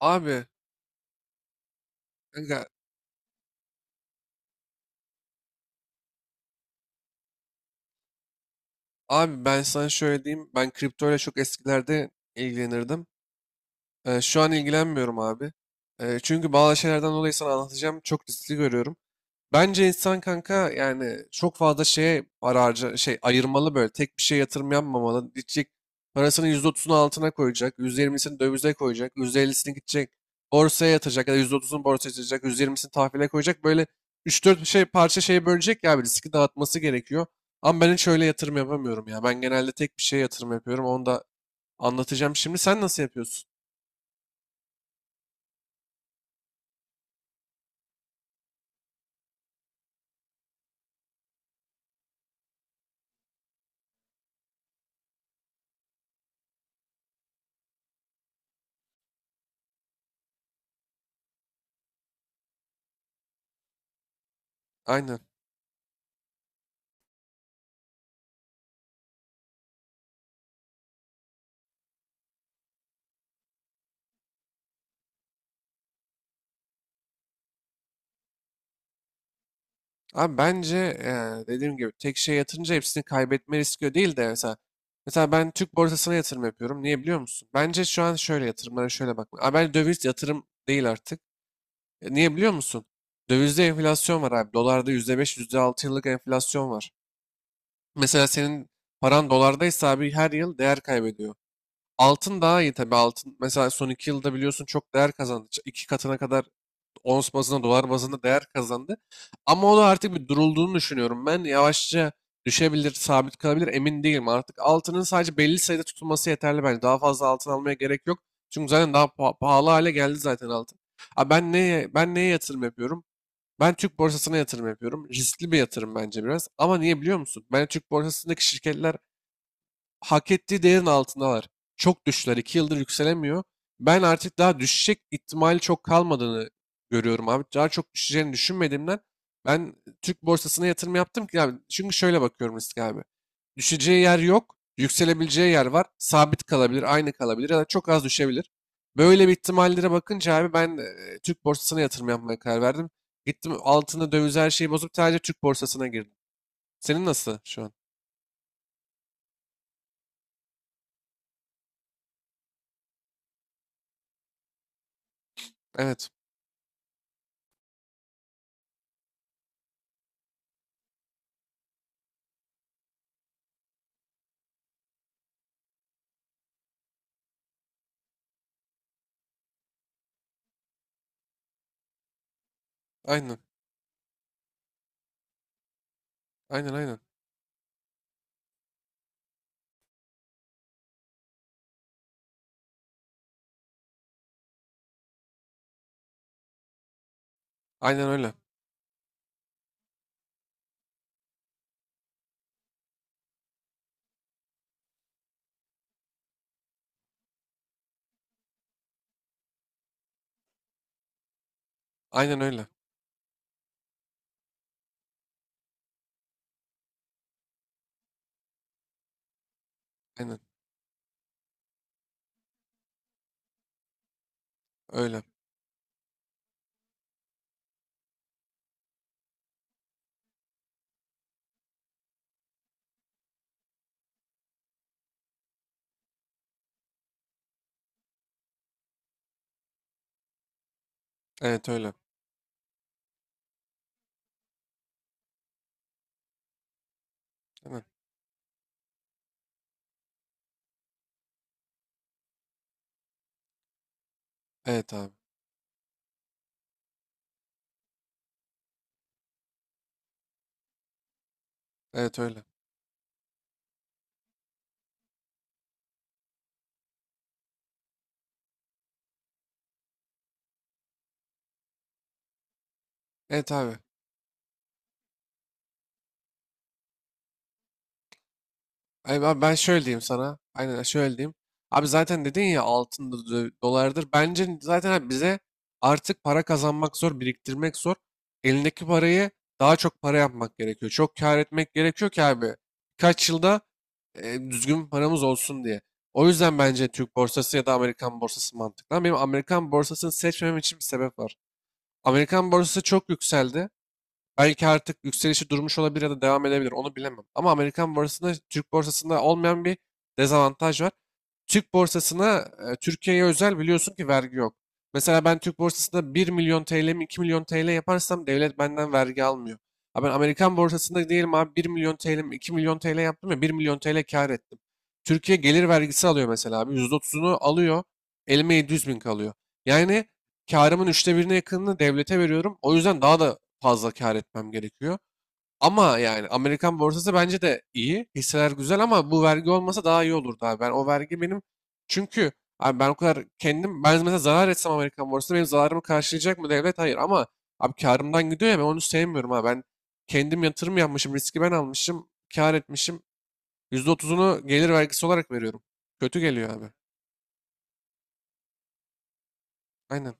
Abi, kanka, abi, ben sana şöyle diyeyim. Ben kriptoyla çok eskilerde ilgilenirdim. Şu an ilgilenmiyorum abi. Çünkü bazı şeylerden dolayı sana anlatacağım. Çok riskli görüyorum. Bence insan kanka yani çok fazla şeye ararca şey ayırmalı, böyle tek bir şeye yatırım yapmamalı. Gidecek parasının %30'unu altına koyacak, %20'sini dövize koyacak, %50'sini gidecek borsaya yatıracak ya da %30'unu borsaya yatıracak, %20'sini tahvile koyacak. Böyle 3-4 şey parça şeye bölecek ya, bir riski dağıtması gerekiyor. Ama ben hiç öyle yatırım yapamıyorum ya. Ben genelde tek bir şeye yatırım yapıyorum. Onu da anlatacağım şimdi. Sen nasıl yapıyorsun? Aynen. Abi bence dediğim gibi tek şeye yatırınca hepsini kaybetme riski değil de, mesela ben Türk borsasına yatırım yapıyorum. Niye biliyor musun? Bence şu an şöyle, yatırımlara şöyle bakma abi, bence döviz yatırım değil artık. Niye biliyor musun? Dövizde enflasyon var abi. Dolarda %5, yüzde altı yıllık enflasyon var. Mesela senin paran dolardaysa abi her yıl değer kaybediyor. Altın daha iyi tabii. Altın mesela son iki yılda biliyorsun çok değer kazandı. İki katına kadar ons bazında, dolar bazında değer kazandı. Ama o da artık bir durulduğunu düşünüyorum. Ben yavaşça düşebilir, sabit kalabilir, emin değilim. Artık altının sadece belli sayıda tutulması yeterli bence. Daha fazla altın almaya gerek yok. Çünkü zaten daha pahalı hale geldi zaten altın. Ha, ben neye yatırım yapıyorum? Ben Türk borsasına yatırım yapıyorum. Riskli bir yatırım bence biraz. Ama niye biliyor musun? Ben Türk borsasındaki şirketler hak ettiği değerin altındalar. Çok düştüler. 2 yıldır yükselemiyor. Ben artık daha düşecek ihtimali çok kalmadığını görüyorum abi. Daha çok düşeceğini düşünmediğimden ben Türk borsasına yatırım yaptım ki abi. Çünkü şöyle bakıyorum risk abi. Düşeceği yer yok. Yükselebileceği yer var. Sabit kalabilir, aynı kalabilir ya da çok az düşebilir. Böyle bir ihtimallere bakınca abi ben Türk borsasına yatırım yapmaya karar verdim. Gittim, altını, döviz, her şeyi bozup sadece Türk borsasına girdim. Senin nasıl şu an? Evet. Aynen. Aynen, aynen. Aynen öyle. Aynen öyle. Aynen öyle. Evet öyle. Aynen. Evet abi. Evet öyle. Evet abi. Abi ben şöyle diyeyim sana. Aynen, şöyle diyeyim. Abi zaten dedin ya, altındır, dolardır. Bence zaten abi bize artık para kazanmak zor, biriktirmek zor. Elindeki parayı daha çok para yapmak gerekiyor. Çok kâr etmek gerekiyor ki abi. Kaç yılda düzgün paramız olsun diye. O yüzden bence Türk borsası ya da Amerikan borsası mantıklı. Ama benim Amerikan borsasını seçmemem için bir sebep var. Amerikan borsası çok yükseldi. Belki artık yükselişi durmuş olabilir ya da devam edebilir. Onu bilemem. Ama Amerikan borsasında Türk borsasında olmayan bir dezavantaj var. Türk borsasına, Türkiye'ye özel biliyorsun ki vergi yok. Mesela ben Türk borsasında 1 milyon TL mi, 2 milyon TL yaparsam devlet benden vergi almıyor. Ha ben Amerikan borsasında diyelim abi 1 milyon TL mi 2 milyon TL yaptım ya, 1 milyon TL kar ettim. Türkiye gelir vergisi alıyor mesela abi, %30'unu alıyor. Elime 700 bin kalıyor. Yani kârımın üçte birine yakınını devlete veriyorum. O yüzden daha da fazla kar etmem gerekiyor. Ama yani Amerikan borsası bence de iyi. Hisseler güzel ama bu vergi olmasa daha iyi olurdu abi. Ben o vergi benim, çünkü abi ben o kadar kendim, ben mesela zarar etsem Amerikan borsası benim zararımı karşılayacak mı devlet? Hayır, ama abi kârımdan gidiyor ya, ben onu sevmiyorum ha. Ben kendim yatırım yapmışım, riski ben almışım, kar etmişim, %30'unu gelir vergisi olarak veriyorum. Kötü geliyor abi. Aynen.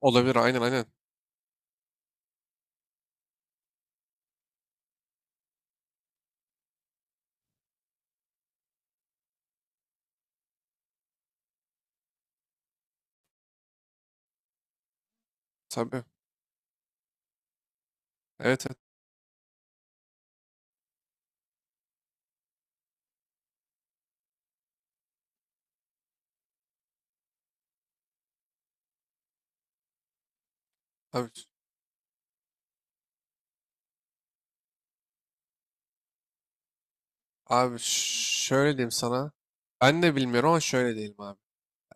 Olabilir, aynen aynen. Tabii. Evet evet. Tabii. Abi şöyle diyeyim sana. Ben de bilmiyorum ama şöyle diyelim abi.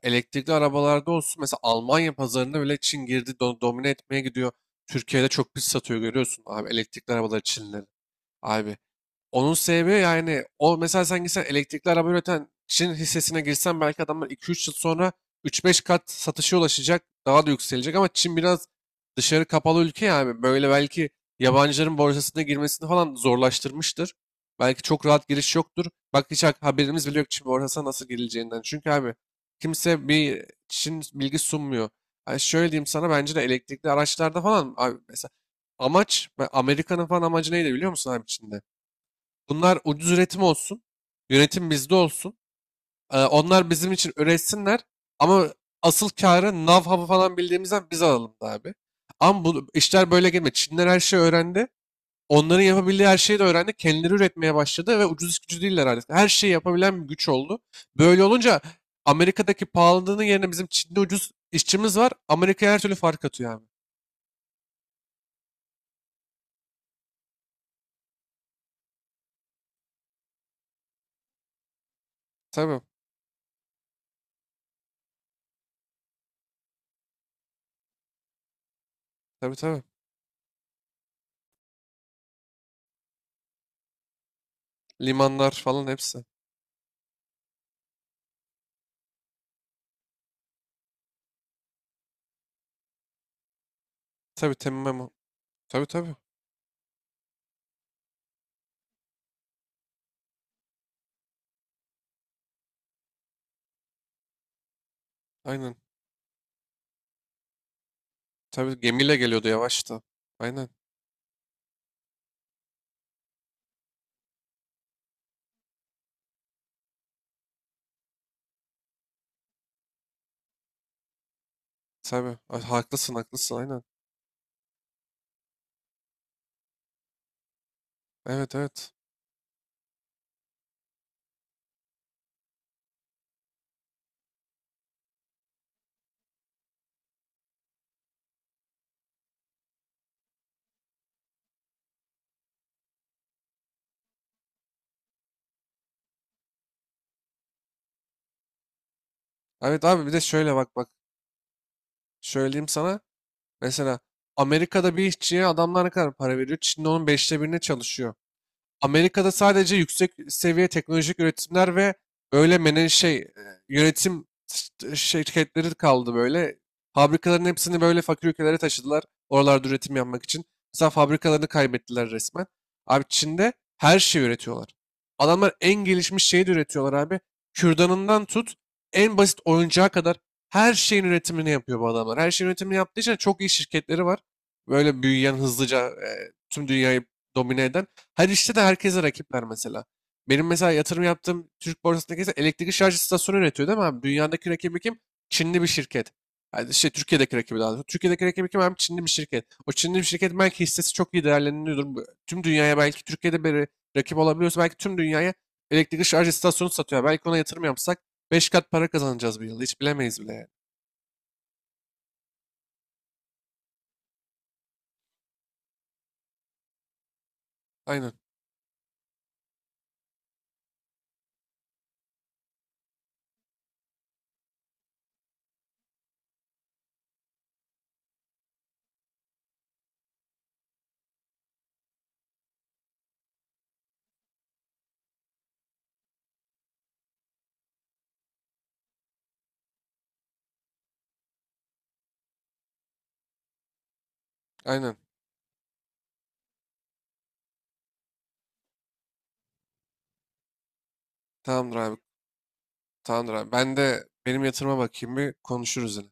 Elektrikli arabalarda olsun, mesela Almanya pazarında bile Çin girdi, domine etmeye gidiyor. Türkiye'de çok pis satıyor, görüyorsun abi, elektrikli arabalar Çinlerin. Abi onun sebebi, yani o mesela sen gitsen elektrikli araba üreten Çin hissesine girsen belki adamlar 2-3 yıl sonra 3-5 kat satışa ulaşacak. Daha da yükselecek ama Çin biraz dışarı kapalı ülke yani. Böyle belki yabancıların borsasına girmesini falan zorlaştırmıştır. Belki çok rahat giriş yoktur. Bak, hiç haberimiz bile yok Çin borsasına nasıl girileceğinden. Çünkü abi kimse bir Çin bilgi sunmuyor. Yani şöyle diyeyim sana, bence de elektrikli araçlarda falan abi, mesela amaç ve Amerika'nın falan amacı neydi biliyor musun abi Çin'de? Bunlar ucuz üretim olsun. Yönetim bizde olsun. Onlar bizim için üretsinler. Ama asıl karı nav hapı falan bildiğimizden biz alalım da abi. Ama bu işler böyle gelmiyor. Çinler her şeyi öğrendi. Onların yapabildiği her şeyi de öğrendi. Kendileri üretmeye başladı ve ucuz iş gücü değiller artık. Her şeyi yapabilen bir güç oldu. Böyle olunca Amerika'daki pahalılığının yerine bizim Çin'de ucuz işçimiz var. Amerika'ya her türlü fark atıyor abi. Tabii. Tabii tabii. Limanlar falan hepsi. Tabii, temmem. Tabii tabii. Aynen. Tabii, gemiyle geliyordu yavaşta. Aynen. Tabii. Ha- Haklısın haklısın, aynen. Evet evet. Evet abi, bir de şöyle bak bak. Söyleyeyim sana. Mesela Amerika'da bir işçiye adamlar ne kadar para veriyor? Çin'de onun beşte birine çalışıyor. Amerika'da sadece yüksek seviye teknolojik üretimler ve böyle mene şey, yönetim şirketleri kaldı böyle. Fabrikaların hepsini böyle fakir ülkelere taşıdılar. Oralarda üretim yapmak için. Mesela fabrikalarını kaybettiler resmen. Abi Çin'de her şeyi üretiyorlar. Adamlar en gelişmiş şeyi de üretiyorlar abi. Kürdanından tut en basit oyuncağa kadar her şeyin üretimini yapıyor bu adamlar. Her şeyin üretimini yaptığı için çok iyi şirketleri var. Böyle büyüyen, hızlıca tüm dünyayı domine eden. Her işte de herkese rakipler mesela. Benim mesela yatırım yaptığım Türk borsasındaki ise elektrikli şarj istasyonu üretiyor değil mi abi? Dünyadaki rakibi kim? Çinli bir şirket. Yani şey, Türkiye'deki rakibi daha doğrusu. Türkiye'deki rakibi kim abi? Çinli bir şirket. O Çinli bir şirket belki hissesi çok iyi değerleniyordur. Tüm dünyaya belki, Türkiye'de bir rakip olabiliyorsa belki tüm dünyaya elektrikli şarj istasyonu satıyor. Belki ona yatırım yapsak 5 kat para kazanacağız bir yılda. Hiç bilemeyiz bile yani. Aynen. Aynen. Tamamdır abi. Tamamdır abi. Ben de benim yatırıma bakayım, bir konuşuruz yine.